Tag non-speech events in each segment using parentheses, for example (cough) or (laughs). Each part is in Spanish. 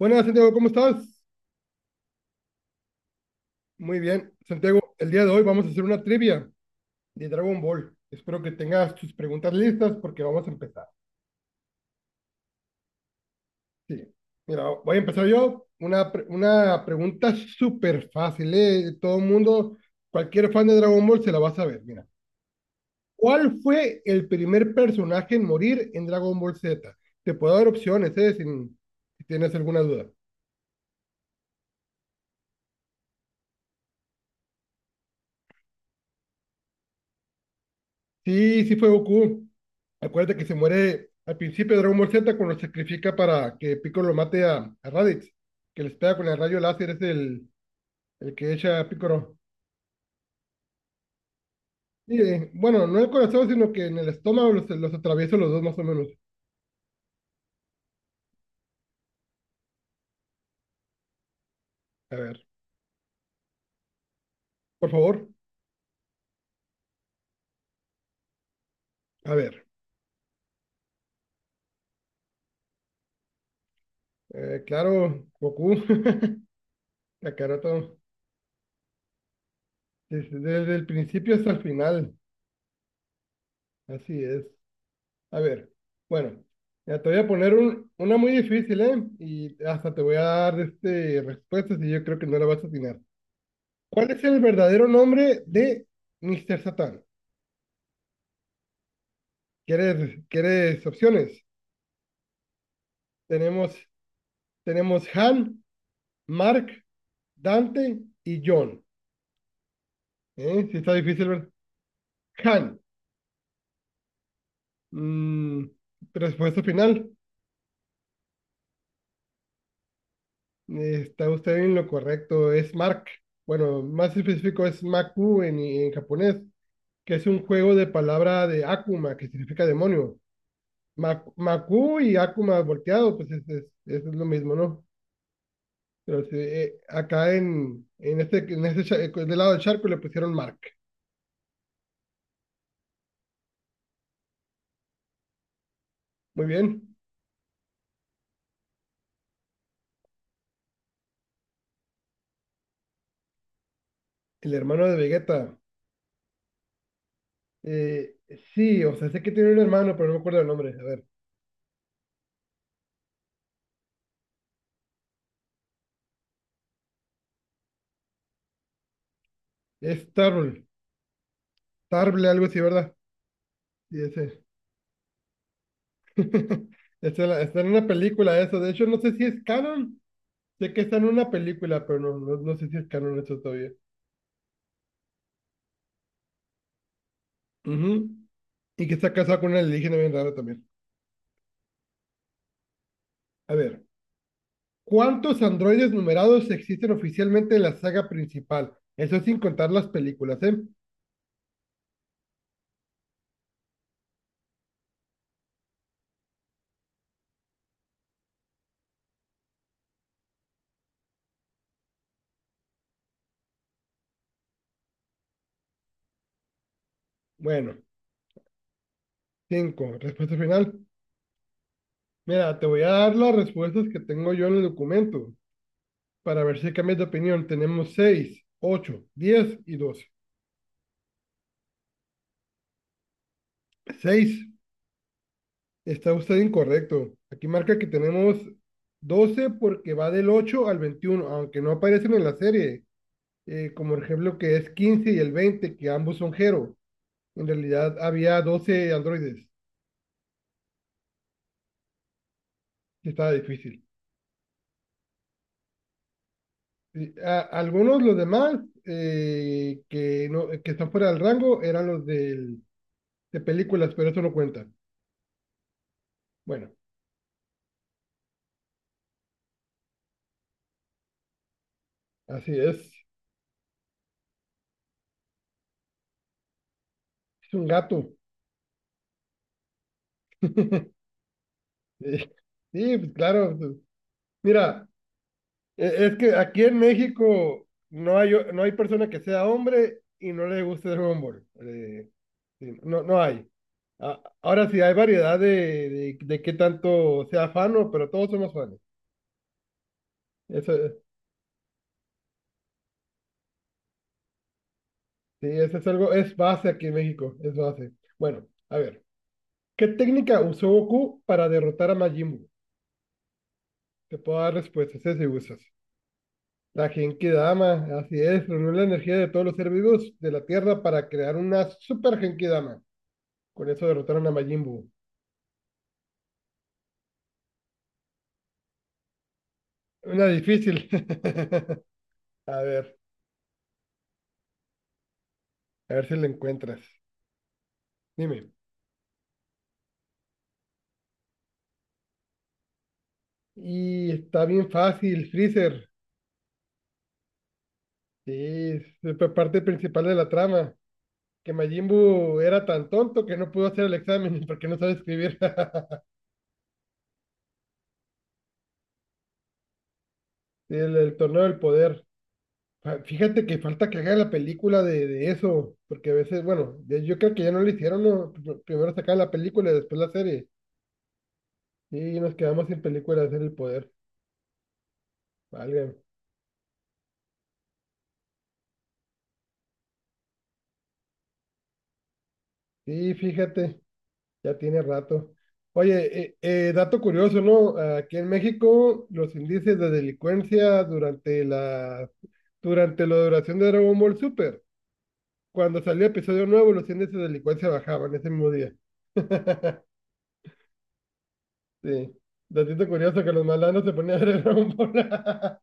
Buenas, Santiago, ¿cómo estás? Muy bien, Santiago, el día de hoy vamos a hacer una trivia de Dragon Ball. Espero que tengas tus preguntas listas porque vamos a empezar. Sí, mira, voy a empezar yo. Una, una pregunta súper fácil, ¿eh? Todo el mundo, cualquier fan de Dragon Ball se la va a saber. Mira, ¿cuál fue el primer personaje en morir en Dragon Ball Z? Te puedo dar opciones, ¿eh? Si tienes alguna duda. Sí, sí fue Goku. Acuérdate que se muere al principio de Dragon Ball Z cuando se sacrifica para que Piccolo mate a Raditz, que les pega con el rayo láser, es el que echa a Piccolo. Y, bueno, no en el corazón, sino que en el estómago los atravieso los dos más o menos. A ver, por favor, a ver. Claro, Goku. (laughs) Kakaroto, desde el principio hasta el final, así es. A ver, bueno, ya te voy a poner una muy difícil, ¿eh? Y hasta te voy a dar este, respuestas y yo creo que no la vas a atinar. ¿Cuál es el verdadero nombre de Mr. Satan? ¿¿Quieres opciones? Tenemos, tenemos Han, Mark, Dante y John. ¿Eh? Sí está difícil, ¿verdad? Han. Mm, respuesta final. Está usted en lo correcto, es Mark. Bueno, más específico es Maku en japonés, que es un juego de palabra de Akuma, que significa demonio. Maku y Akuma volteado, pues es lo mismo, ¿no? Pero sí, acá en este del lado del charco le pusieron Mark. Muy bien. El hermano de Vegeta. Eh, sí, o sea, sé que tiene un hermano, pero no me acuerdo el nombre. A ver, es Tarble. Tarble, algo así, ¿verdad? Sí, ese. (laughs) Está en una película eso. De hecho, no sé si es canon. Sé que está en una película, pero no sé si es canon eso todavía. Ujú. Y que está casado con una alienígena bien rara también. A ver, ¿cuántos androides numerados existen oficialmente en la saga principal? Eso sin contar las películas, ¿eh? Bueno, cinco. Respuesta final. Mira, te voy a dar las respuestas que tengo yo en el documento para ver si cambias de opinión. Tenemos seis, ocho, diez y 12. Seis. Está usted incorrecto. Aquí marca que tenemos 12 porque va del 8 al 21, aunque no aparecen en la serie. Como el ejemplo que es 15 y el 20 que ambos son Hero. En realidad había 12 androides, que estaba difícil. Algunos, los demás, no, que están fuera del rango, eran de películas, pero eso no cuenta. Bueno, así es. Es un gato. (laughs) Sí, pues claro. Pues, mira, es que aquí en México no hay, no hay persona que sea hombre y no le guste Dragon Ball. Sí, no, no hay. Ahora sí, hay variedad de qué tanto sea fan, pero todos somos fans. Eso, sí, eso es algo, es base aquí en México, es base. Bueno, a ver, ¿qué técnica usó Goku para derrotar a Majin Buu? Te puedo dar respuestas, si usas la Genki Dama, así es, reunió la energía de todos los seres vivos de la Tierra para crear una super Genki Dama. Con eso derrotaron a Majin Buu. Una difícil. (laughs) A ver, a ver si la encuentras. Dime. Y está bien fácil, Freezer. Sí, es la parte principal de la trama. Que Majin Buu era tan tonto que no pudo hacer el examen (laughs) porque no sabe escribir. (laughs) El torneo del poder. Fíjate que falta que hagan la película de eso, porque a veces, bueno, yo creo que ya no lo hicieron, ¿no? Primero sacaban la película y después la serie. Y nos quedamos sin película de hacer el poder. Válgame. Sí, fíjate. Ya tiene rato. Oye, dato curioso, ¿no? Aquí en México, los índices de delincuencia durante durante la duración de Dragon Ball Super, cuando salió episodio nuevo, los índices de delincuencia bajaban ese mismo día. (laughs) Sí. Datito curioso que los malandros se ponían a ver Dragon Ball. (laughs)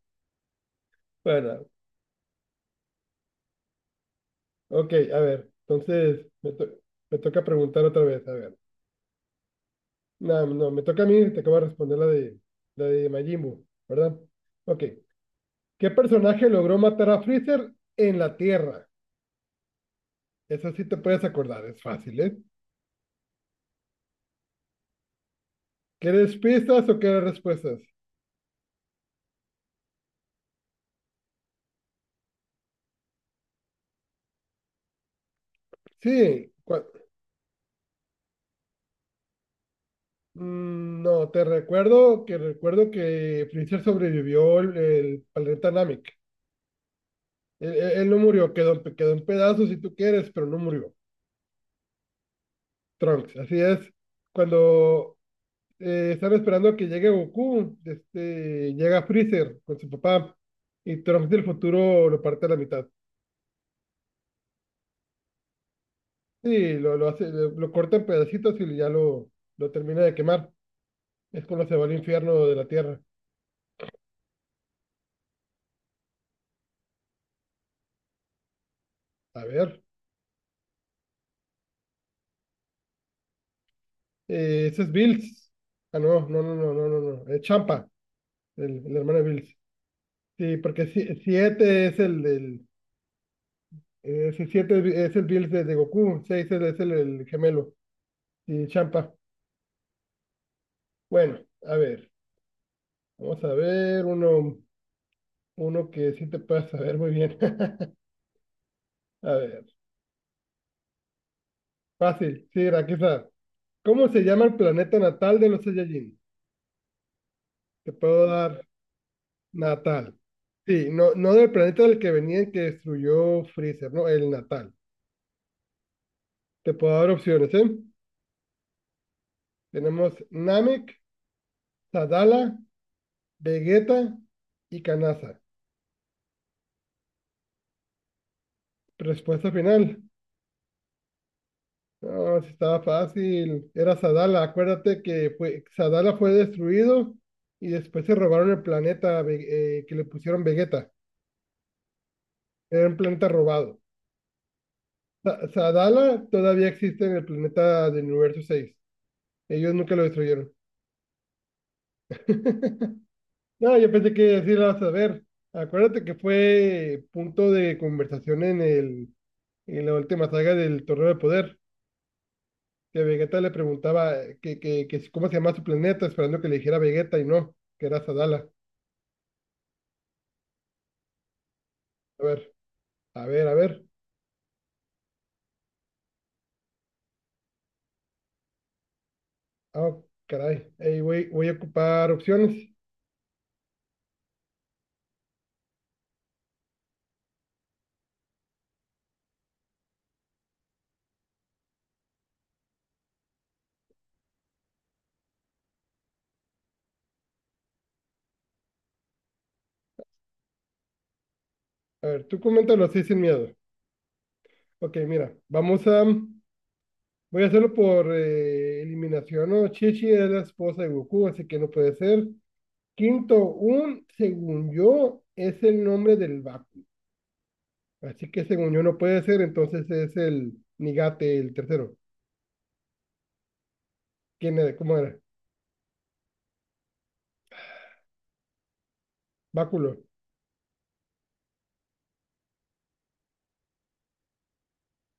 Bueno, ok, a ver. Entonces, me toca preguntar otra vez. A ver. No, no, me toca a mí, te acabo de responder la de Majin Buu, ¿verdad? Ok. ¿Qué personaje logró matar a Freezer en la Tierra? Eso sí te puedes acordar, es fácil, ¿eh? ¿Quieres pistas o quieres respuestas? Sí, no, te recuerdo que Freezer sobrevivió el planeta Namek. Él, él no murió, quedó, quedó en pedazos si tú quieres, pero no murió. Trunks, así es. Cuando están esperando a que llegue Goku, este, llega Freezer con su papá y Trunks del futuro lo parte a la mitad. Sí, lo hace, lo corta en pedacitos y ya lo termina de quemar. Es cuando se va al infierno de la tierra. A ver, ese es Bills. Ah, no. Es Champa, el hermano de Bills. Sí, porque 7 es el del. Eh, si 7 es el Bills de Goku, 6 es el gemelo. Y Champa. Bueno, a ver, vamos a ver uno que sí te puedas saber muy bien. (laughs) A ver, fácil, sí, aquí está. ¿Cómo se llama el planeta natal de los Saiyajin? Te puedo dar natal. Sí, no, no del planeta del que venían que destruyó Freezer, no, el natal. Te puedo dar opciones, ¿eh? Tenemos Namek, Sadala, Vegeta y Kanasa. Respuesta final. No, si estaba fácil. Era Sadala. Acuérdate que fue, Sadala fue destruido y después se robaron el planeta que le pusieron Vegeta. Era un planeta robado. Sadala todavía existe en el planeta del universo seis. Ellos nunca lo destruyeron. (laughs) No, yo pensé que sí lo vas a ver. Acuérdate que fue punto de conversación en en la última saga del Torneo de Poder, que Vegeta le preguntaba que cómo se llama su planeta, esperando que le dijera Vegeta y no, que era Sadala. A ver, a ver, a ver. Ah, caray. Ey, voy a ocupar opciones. A ver, tú coméntalo así sin miedo. Ok, mira, vamos a... Voy a hacerlo por eliminación, ¿no? Chichi es la esposa de Goku, así que no puede ser. Quinto, un, según yo, es el nombre del Baku. Así que según yo no puede ser, entonces es el Nigate, el tercero. ¿Quién era? ¿Cómo era? Báculo.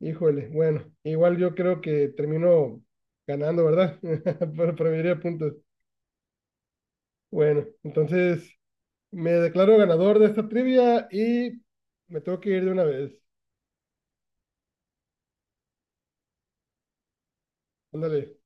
Híjole, bueno, igual yo creo que termino ganando, ¿verdad? (laughs) Por promedio de puntos. Bueno, entonces me declaro ganador de esta trivia y me tengo que ir de una vez. Ándale.